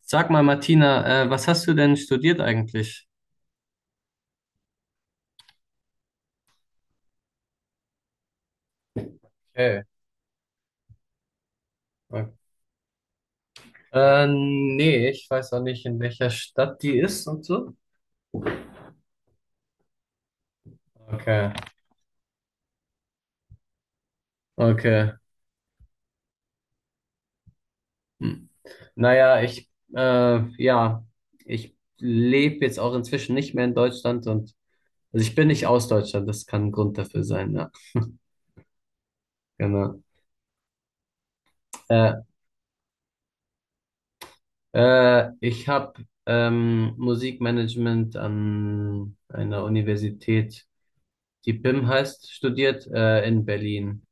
Sag mal, Martina, was hast du denn studiert eigentlich? Okay. Nee, ich weiß auch nicht, in welcher Stadt die ist und so. Okay, okay. Hm. Naja, ich, ja, ich lebe jetzt auch inzwischen nicht mehr in Deutschland und, also ich bin nicht aus Deutschland, das kann ein Grund dafür sein, ja, genau. Äh, Ich habe Musikmanagement an einer Universität, die BIM heißt, studiert, in Berlin.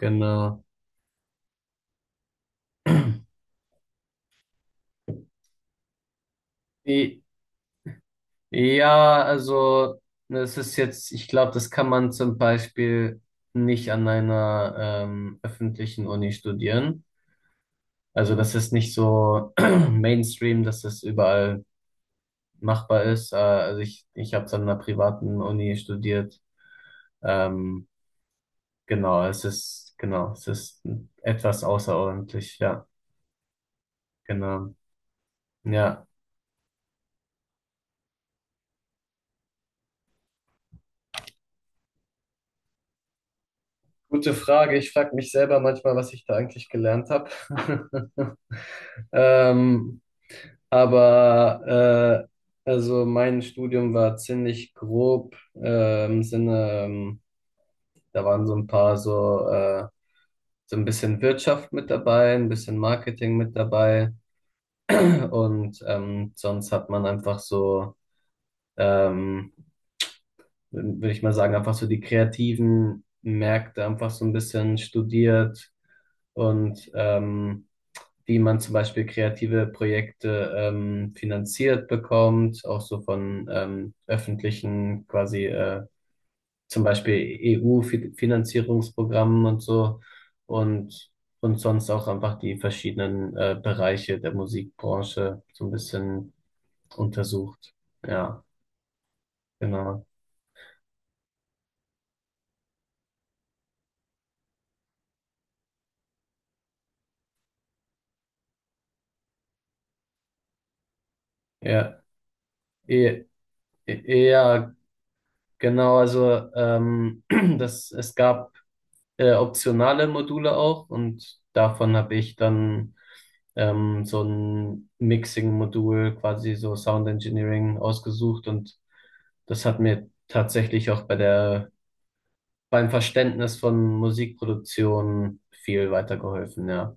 Genau. I- Ja, also es ist jetzt, ich glaube, das kann man zum Beispiel nicht an einer öffentlichen Uni studieren. Also das ist nicht so Mainstream, dass das überall machbar ist. Also ich habe es an einer privaten Uni studiert. Ähm, genau, genau, es ist etwas außerordentlich, ja, genau. Ja. Gute Frage. Ich frage mich selber manchmal, was ich da eigentlich gelernt habe. Ähm, Aber also mein Studium war ziemlich grob im Sinne, da waren so ein paar so, so ein bisschen Wirtschaft mit dabei, ein bisschen Marketing mit dabei und sonst hat man einfach so, ähm, würde ich mal sagen, einfach so die kreativen Märkte einfach so ein bisschen studiert und wie man zum Beispiel kreative Projekte finanziert bekommt, auch so von öffentlichen quasi zum Beispiel EU-Finanzierungsprogrammen und so und und sonst auch einfach die verschiedenen Bereiche der Musikbranche so ein bisschen untersucht. Ja, genau. Ja, e ja, genau. Also das es gab optionale Module auch und davon habe ich dann so ein Mixing-Modul, quasi so Sound Engineering ausgesucht und das hat mir tatsächlich auch bei beim Verständnis von Musikproduktion viel weitergeholfen, ja.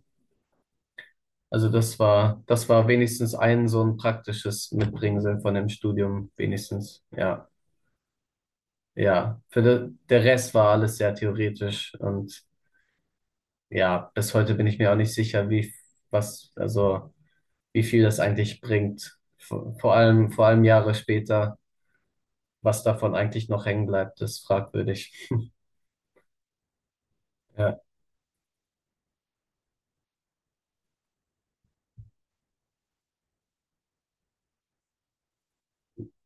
Also das war wenigstens ein so ein praktisches Mitbringsel von dem Studium, wenigstens, ja. Ja, der Rest war alles sehr theoretisch und ja, bis heute bin ich mir auch nicht sicher, also wie viel das eigentlich bringt. Vor allem Jahre später, was davon eigentlich noch hängen bleibt, ist fragwürdig. Ja.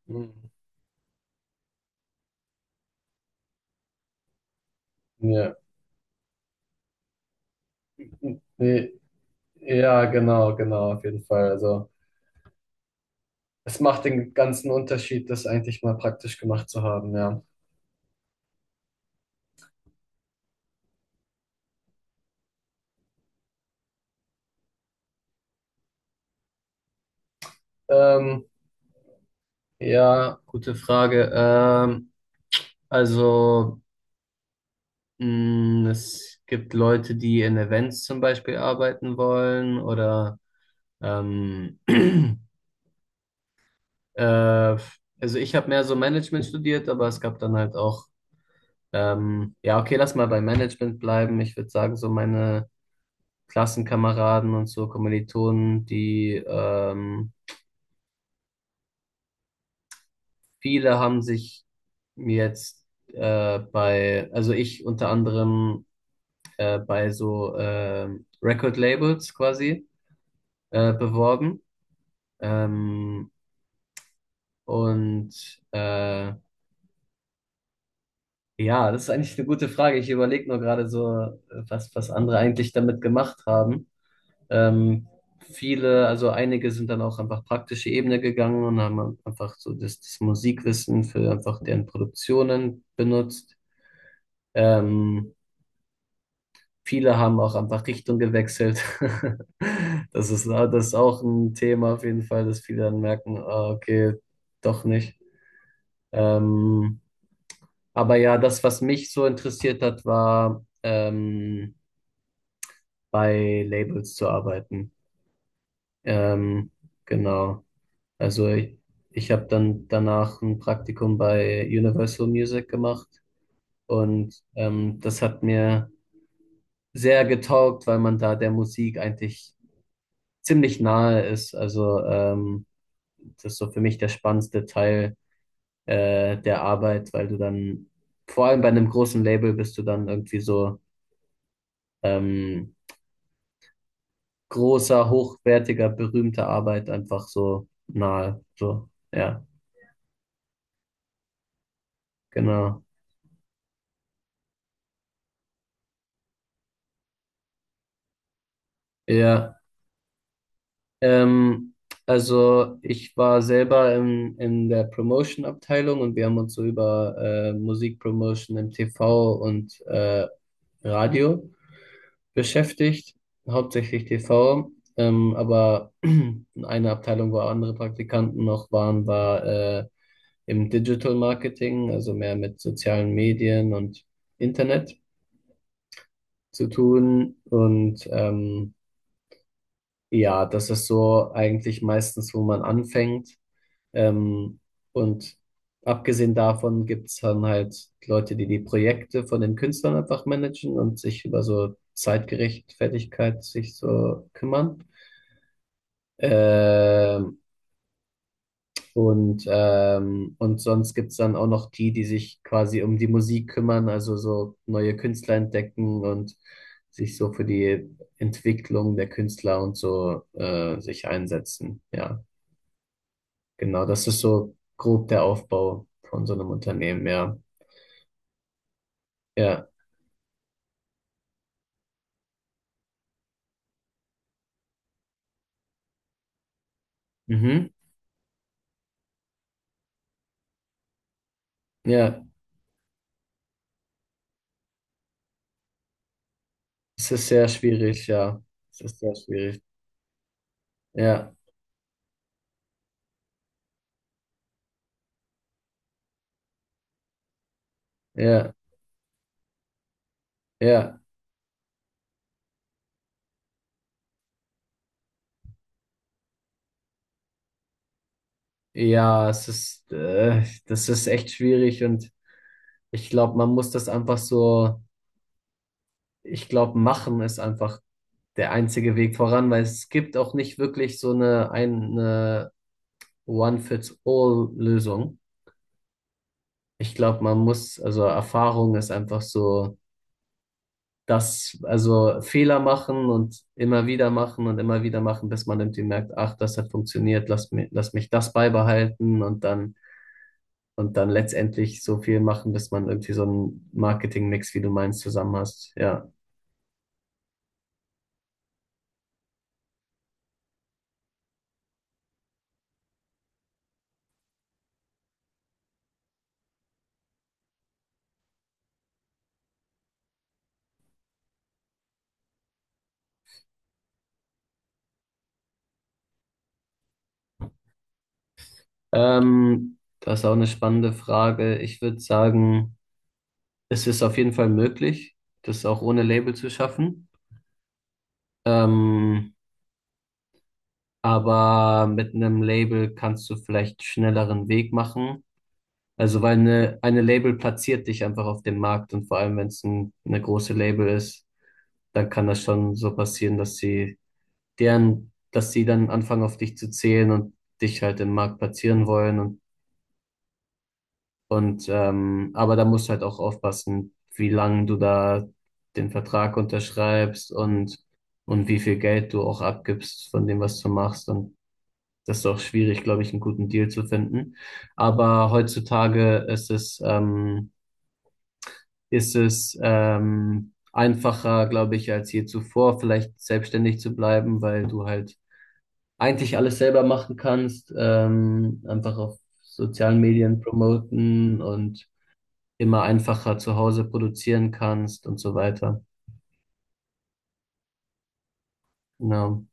Mhm. Ja. Nee. Ja, genau, genau, auf jeden Fall. Also es macht den ganzen Unterschied, das eigentlich mal praktisch gemacht zu haben, ja. Ähm, ja, gute Frage. Also mh, es gibt Leute, die in Events zum Beispiel arbeiten wollen oder Ähm, äh, also ich habe mehr so Management studiert, aber es gab dann halt auch, ja, okay, lass mal bei Management bleiben. Ich würde sagen, so meine Klassenkameraden und so Kommilitonen, die viele haben sich jetzt bei, also ich unter anderem bei so Record Labels quasi beworben. Ähm, und äh, ja, das ist eigentlich eine gute Frage. Ich überlege nur gerade so, was andere eigentlich damit gemacht haben. Ähm, Viele, also einige sind dann auch einfach praktische Ebene gegangen und haben einfach so das Musikwissen für einfach deren Produktionen benutzt. Ähm, Viele haben auch einfach Richtung gewechselt. Das ist auch ein Thema auf jeden Fall, dass viele dann merken, ah, okay, doch nicht. Ähm, aber ja, das, was mich so interessiert hat, war, bei Labels zu arbeiten. Ähm, genau. Also ich, Ich habe dann danach ein Praktikum bei Universal Music gemacht und das hat mir sehr getaugt, weil man da der Musik eigentlich ziemlich nahe ist. Also das ist so für mich der spannendste Teil der Arbeit, weil du dann vor allem bei einem großen Label bist du dann irgendwie so ähm, großer, hochwertiger, berühmter Arbeit einfach so nahe. So, ja. Genau. Ja. Ähm, also ich war selber in der Promotion-Abteilung und wir haben uns so über Musikpromotion im TV und Radio beschäftigt, hauptsächlich TV. Aber eine Abteilung, wo andere Praktikanten noch waren, war im Digital Marketing, also mehr mit sozialen Medien und Internet zu tun. Und ja, das ist so eigentlich meistens, wo man anfängt. Ähm, und abgesehen davon gibt's dann halt Leute, die die Projekte von den Künstlern einfach managen und sich über so Zeitgerechtfertigkeit sich so kümmern. Ähm, und sonst gibt's dann auch noch die sich quasi um die Musik kümmern, also so neue Künstler entdecken und sich so für die Entwicklung der Künstler und so sich einsetzen. Ja. Genau, das ist so grob der Aufbau von so einem Unternehmen, ja. Ja, mhm. Ja, es ist sehr schwierig, ja. Es ist sehr schwierig. Ja, ja, ja. Ja, das ist echt schwierig und ich glaube, man muss das einfach so, ich glaube, machen ist einfach der einzige Weg voran, weil es gibt auch nicht wirklich eine One-Fits-All-Lösung. Ich glaube, man muss, also Erfahrung ist einfach so. Das, also Fehler machen und immer wieder machen und immer wieder machen, bis man irgendwie merkt, ach, das hat funktioniert, lass mich das beibehalten und und dann letztendlich so viel machen, bis man irgendwie so einen Marketing-Mix, wie du meinst, zusammen hast. Ja. Das ist auch eine spannende Frage. Ich würde sagen, es ist auf jeden Fall möglich, das auch ohne Label zu schaffen. Ähm, aber mit einem Label kannst du vielleicht schnelleren Weg machen. Also weil eine Label platziert dich einfach auf dem Markt und vor allem, wenn es eine große Label ist, dann kann das schon so passieren, dass sie deren, dass sie dann anfangen auf dich zu zählen und dich halt im Markt platzieren wollen und aber da musst du halt auch aufpassen, wie lang du da den Vertrag unterschreibst und wie viel Geld du auch abgibst von dem, was du machst und das ist auch schwierig, glaube ich, einen guten Deal zu finden. Aber heutzutage ist es einfacher, glaube ich, als je zuvor, vielleicht selbstständig zu bleiben, weil du halt eigentlich alles selber machen kannst, einfach auf sozialen Medien promoten und immer einfacher zu Hause produzieren kannst und so weiter. Genau.